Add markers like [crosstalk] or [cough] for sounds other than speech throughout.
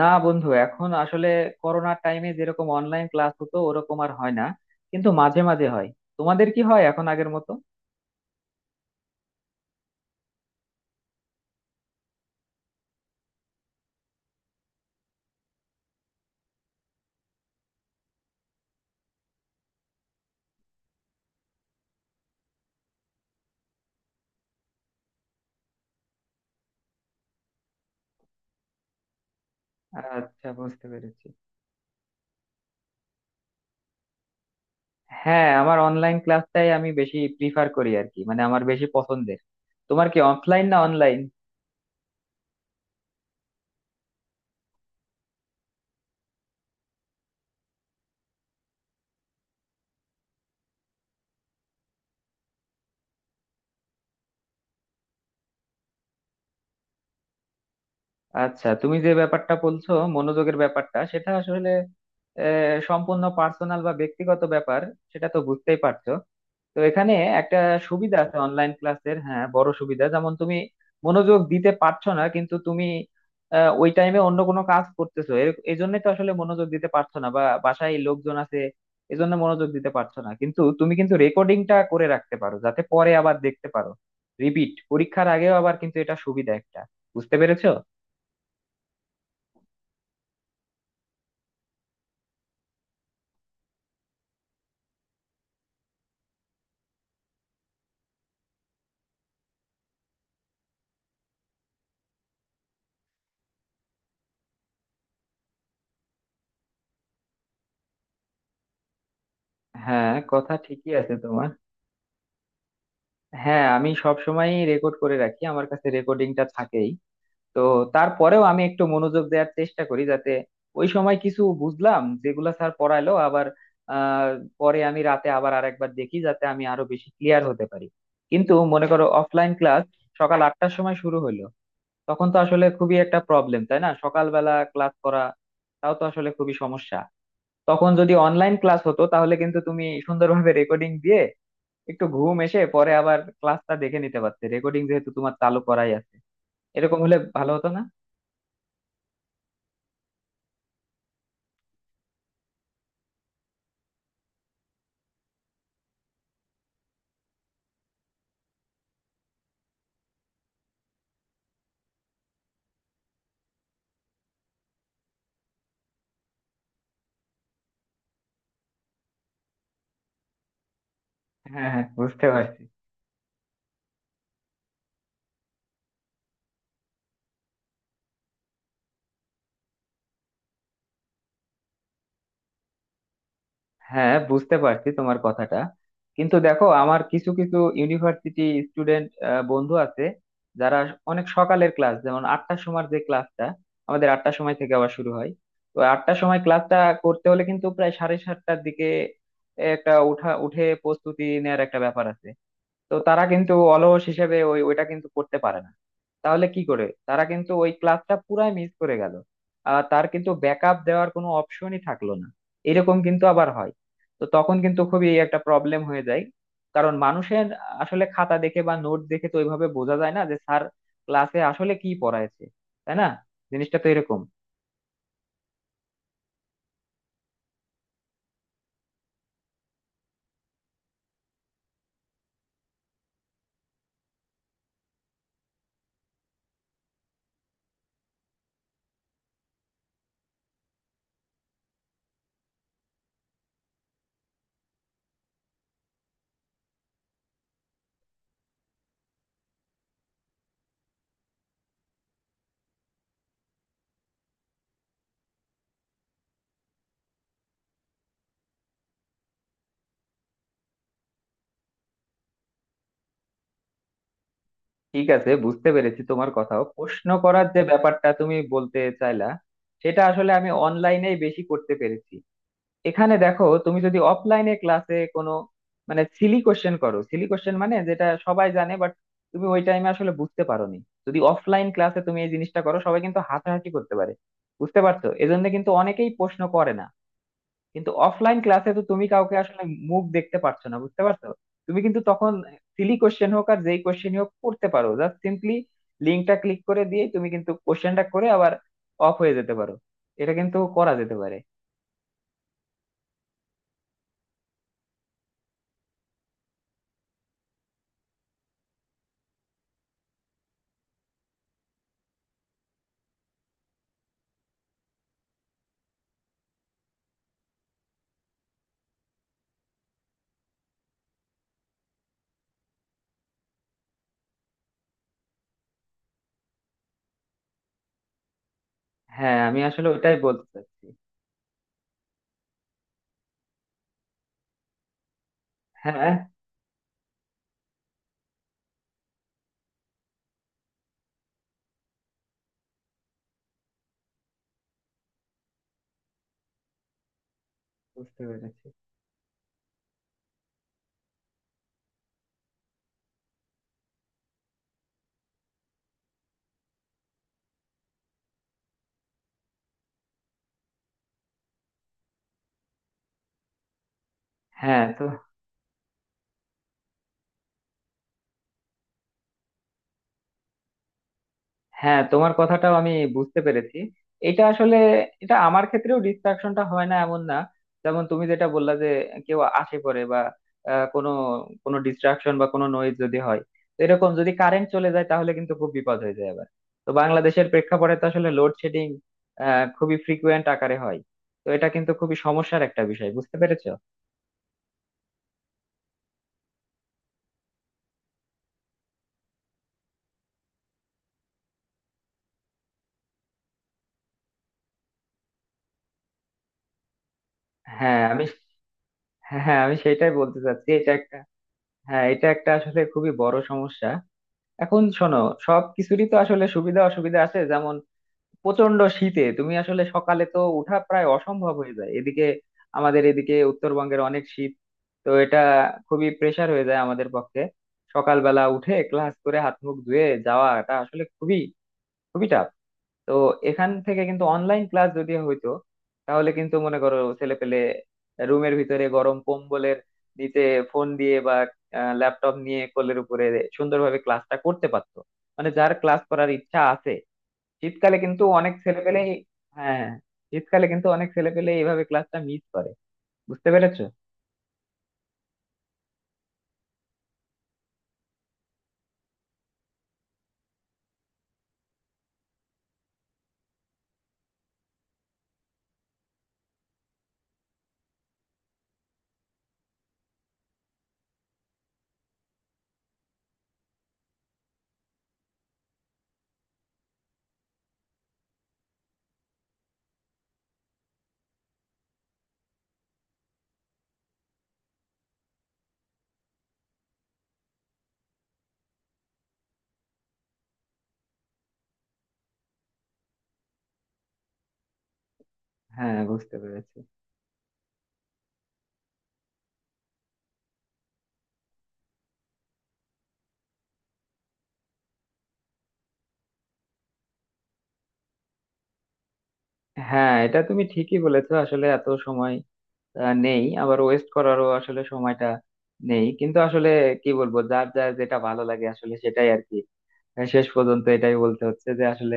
না বন্ধু, এখন আসলে করোনার টাইমে যেরকম অনলাইন ক্লাস হতো ওরকম আর হয় না, কিন্তু মাঝে মাঝে হয়। তোমাদের কি হয় এখন আগের মতো? আচ্ছা, বুঝতে পেরেছি। হ্যাঁ, আমার অনলাইন ক্লাসটাই আমি বেশি প্রিফার করি আর কি, মানে আমার বেশি পছন্দের। তোমার কি অফলাইন না অনলাইন? আচ্ছা, তুমি যে ব্যাপারটা বলছো, মনোযোগের ব্যাপারটা, সেটা আসলে সম্পূর্ণ পার্সোনাল বা ব্যক্তিগত ব্যাপার, সেটা তো বুঝতেই পারছো। তো এখানে একটা সুবিধা আছে অনলাইন ক্লাসের। হ্যাঁ, বড় সুবিধা। যেমন তুমি মনোযোগ দিতে পারছো না, কিন্তু তুমি ওই টাইমে অন্য কোনো কাজ করতেছো, এই জন্য তো আসলে মনোযোগ দিতে পারছো না, বা বাসায় লোকজন আছে এজন্য মনোযোগ দিতে পারছো না, কিন্তু তুমি কিন্তু রেকর্ডিংটা করে রাখতে পারো যাতে পরে আবার দেখতে পারো, রিপিট পরীক্ষার আগেও আবার। কিন্তু এটা সুবিধা একটা। বুঝতে পেরেছো? হ্যাঁ, কথা ঠিকই আছে তোমার। হ্যাঁ, আমি সব সময় রেকর্ড করে রাখি, আমার কাছে রেকর্ডিংটা থাকেই। তো তারপরেও আমি একটু মনোযোগ দেওয়ার চেষ্টা করি, যাতে ওই সময় কিছু বুঝলাম যেগুলো স্যার পড়াইলো। আবার আহ পরে আমি রাতে আবার আর একবার দেখি, যাতে আমি আরো বেশি ক্লিয়ার হতে পারি। কিন্তু মনে করো, অফলাইন ক্লাস সকাল আটটার সময় শুরু হলো, তখন তো আসলে খুবই একটা প্রবলেম, তাই না? সকালবেলা ক্লাস করা তাও তো আসলে খুবই সমস্যা। তখন যদি অনলাইন ক্লাস হতো তাহলে কিন্তু তুমি সুন্দরভাবে রেকর্ডিং দিয়ে একটু ঘুম এসে পরে আবার ক্লাসটা দেখে নিতে পারতে, রেকর্ডিং যেহেতু তোমার চালু করাই আছে। এরকম হলে ভালো হতো না? হ্যাঁ হ্যাঁ, বুঝতে পারছি। হ্যাঁ, বুঝতে পারছি তোমার কথাটা। কিন্তু দেখো, আমার কিছু কিছু ইউনিভার্সিটি স্টুডেন্ট বন্ধু আছে যারা অনেক সকালের ক্লাস, যেমন আটটার সময় যে ক্লাসটা, আমাদের আটটার সময় থেকে আবার শুরু হয়। তো আটটার সময় ক্লাসটা করতে হলে কিন্তু প্রায় সাড়ে সাতটার দিকে একটা উঠা, উঠে প্রস্তুতি নেওয়ার একটা ব্যাপার আছে। তো তারা কিন্তু অলস হিসেবে ওইটা কিন্তু করতে পারে না। তাহলে কি করে, তারা কিন্তু ওই ক্লাসটা পুরাই মিস করে গেল, আর তার কিন্তু ব্যাকআপ দেওয়ার কোনো অপশনই থাকলো না। এরকম কিন্তু আবার হয়। তো তখন কিন্তু খুবই একটা প্রবলেম হয়ে যায়, কারণ মানুষের আসলে খাতা দেখে বা নোট দেখে তো ওইভাবে বোঝা যায় না যে স্যার ক্লাসে আসলে কি পড়ায়ছে, তাই না? জিনিসটা তো এরকম। ঠিক আছে, বুঝতে পেরেছি তোমার কথাও, প্রশ্ন করার যে ব্যাপারটা তুমি বলতে চাইলা সেটা আসলে আমি অনলাইনেই বেশি করতে পেরেছি। এখানে দেখো, তুমি যদি অফলাইনে ক্লাসে কোনো, মানে, সিলি কোশ্চেন করো, সিলি কোশ্চেন মানে যেটা সবাই জানে, বাট তুমি ওই টাইমে আসলে বুঝতে পারোনি, যদি অফলাইন ক্লাসে তুমি এই জিনিসটা করো সবাই কিন্তু হাসাহাসি করতে পারে। বুঝতে পারছো? এজন্য কিন্তু অনেকেই প্রশ্ন করে না। কিন্তু অফলাইন ক্লাসে তো তুমি কাউকে আসলে মুখ দেখতে পারছো না, বুঝতে পারছো। তুমি কিন্তু তখন সিলি কোশ্চেন হোক আর যেই কোশ্চেন হোক করতে পারো, জাস্ট সিম্পলি লিঙ্কটা ক্লিক করে দিয়ে তুমি কিন্তু কোশ্চেনটা করে আবার অফ হয়ে যেতে পারো। এটা কিন্তু করা যেতে পারে। হ্যাঁ, আমি আসলে ওটাই বলতে চাচ্ছি। হ্যাঁ, বুঝতে পেরেছি। হ্যাঁ। তো হ্যাঁ, তোমার কথাটাও আমি বুঝতে পেরেছি। এটা আসলে, এটা আমার ক্ষেত্রেও ডিস্ট্রাকশনটা হয় না এমন না। যেমন তুমি যেটা বললা, যে কেউ আসে পড়ে বা কোনো কোনো ডিস্ট্রাকশন বা কোনো নয়েজ যদি হয়, তো এরকম যদি কারেন্ট চলে যায় তাহলে কিন্তু খুব বিপদ হয়ে যায় আবার। তো বাংলাদেশের প্রেক্ষাপটে তো আসলে লোডশেডিং খুবই ফ্রিকুয়েন্ট আকারে হয়। তো এটা কিন্তু খুবই সমস্যার একটা বিষয়, বুঝতে পেরেছো? হ্যাঁ, আমি, হ্যাঁ হ্যাঁ, আমি সেটাই বলতে চাচ্ছি, এটা একটা। হ্যাঁ, এটা একটা আসলে খুবই বড় সমস্যা। এখন শোনো, সব কিছুরই তো আসলে সুবিধা অসুবিধা আছে। যেমন প্রচন্ড শীতে তুমি আসলে সকালে তো উঠা প্রায় অসম্ভব হয়ে যায়। এদিকে আমাদের এদিকে উত্তরবঙ্গের অনেক শীত। তো এটা খুবই প্রেসার হয়ে যায় আমাদের পক্ষে, সকালবেলা উঠে ক্লাস করে হাত মুখ ধুয়ে যাওয়াটা আসলে খুবই খুবই tough। তো এখান থেকে কিন্তু অনলাইন ক্লাস যদি হইতো তাহলে কিন্তু মনে করো ছেলে পেলে রুমের ভিতরে গরম কম্বলের নিচে ফোন দিয়ে বা ল্যাপটপ নিয়ে কোলের উপরে সুন্দরভাবে ক্লাসটা করতে পারতো, মানে যার ক্লাস করার ইচ্ছা আছে। শীতকালে কিন্তু অনেক ছেলে পেলে, হ্যাঁ, শীতকালে কিন্তু অনেক ছেলে পেলে এইভাবে ক্লাসটা মিস করে। বুঝতে পেরেছো? হ্যাঁ, বুঝতে পেরেছি। হ্যাঁ, এটা তুমি ঠিকই বলেছো, আসলে এত সময় নেই, আবার ওয়েস্ট করারও আসলে সময়টা নেই। কিন্তু আসলে কি বলবো, যার যার যেটা ভালো লাগে আসলে সেটাই আর কি। শেষ পর্যন্ত এটাই বলতে হচ্ছে যে আসলে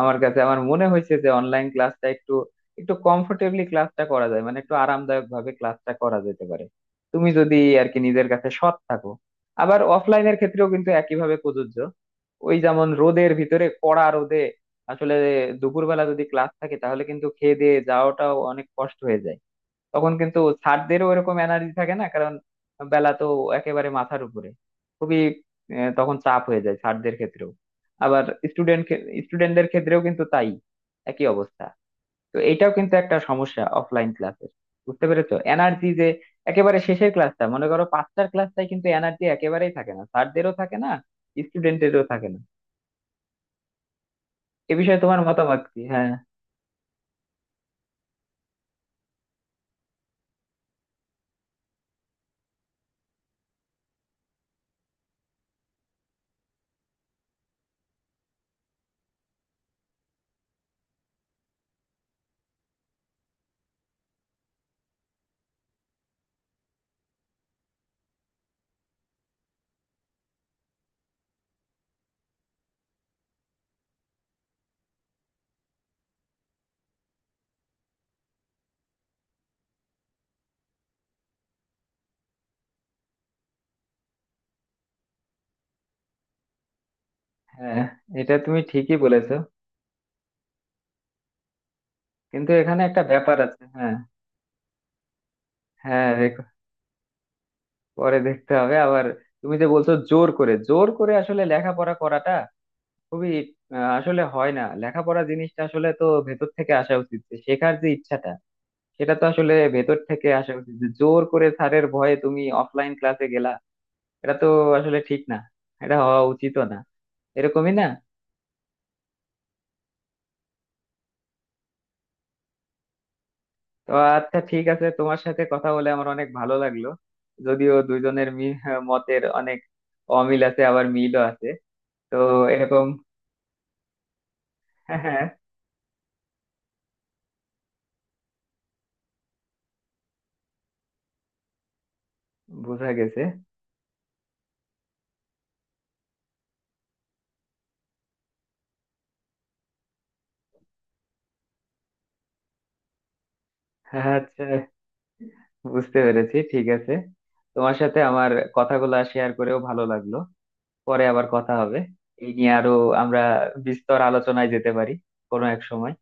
আমার কাছে, আমার মনে হয়েছে যে অনলাইন ক্লাসটা একটু একটু কমফোর্টেবলি ক্লাসটা করা যায়, মানে একটু আরামদায়ক ভাবে ক্লাসটা করা যেতে পারে, তুমি যদি আর কি নিজের কাছে সৎ থাকো। আবার অফলাইনের ক্ষেত্রেও কিন্তু একইভাবে প্রযোজ্য। ওই যেমন রোদের ভিতরে কড়া রোদে আসলে দুপুরবেলা যদি ক্লাস থাকে তাহলে কিন্তু খেয়ে দিয়ে যাওয়াটাও অনেক কষ্ট হয়ে যায়। তখন কিন্তু স্যারদেরও ওরকম এনার্জি থাকে না, কারণ বেলা তো একেবারে মাথার উপরে, খুবই, তখন চাপ হয়ে যায় স্যারদের ক্ষেত্রেও। আবার স্টুডেন্ট স্টুডেন্টদের ক্ষেত্রেও কিন্তু তাই, একই অবস্থা। তো এটাও কিন্তু একটা সমস্যা অফলাইন ক্লাসের। বুঝতে পেরেছো? এনার্জি যে একেবারে শেষের ক্লাসটা মনে করো পাঁচটার ক্লাসটাই, কিন্তু এনার্জি একেবারেই থাকে না, স্যারদেরও থাকে না, স্টুডেন্টেরও থাকে না। এ বিষয়ে তোমার মতামত কি? হ্যাঁ। হ্যাঁ, এটা তুমি ঠিকই বলেছো। কিন্তু এখানে একটা ব্যাপার আছে। হ্যাঁ। হ্যাঁ, পরে দেখতে হবে আবার। তুমি যে বলছো জোর করে, জোর করে আসলে লেখাপড়া করাটা খুবই, আসলে হয় না। লেখাপড়া জিনিসটা আসলে তো ভেতর থেকে আসা উচিত, যে শেখার যে ইচ্ছাটা সেটা তো আসলে ভেতর থেকে আসা উচিত। যে জোর করে স্যারের ভয়ে তুমি অফলাইন ক্লাসে গেলা, এটা তো আসলে ঠিক না, এটা হওয়া উচিতও না, এরকমই না। তো আচ্ছা, ঠিক আছে, তোমার সাথে কথা বলে আমার অনেক ভালো লাগলো। যদিও দুইজনের মতের অনেক অমিল আছে, আবার মিলও আছে। তো এরকম। [laughs] হ্যাঁ হ্যাঁ, বোঝা গেছে। হ্যাঁ, আচ্ছা, বুঝতে পেরেছি, ঠিক আছে। তোমার সাথে আমার কথাগুলো শেয়ার করেও ভালো লাগলো। পরে আবার কথা হবে এই নিয়ে। আরো আমরা বিস্তর আলোচনায় যেতে পারি কোনো এক সময়।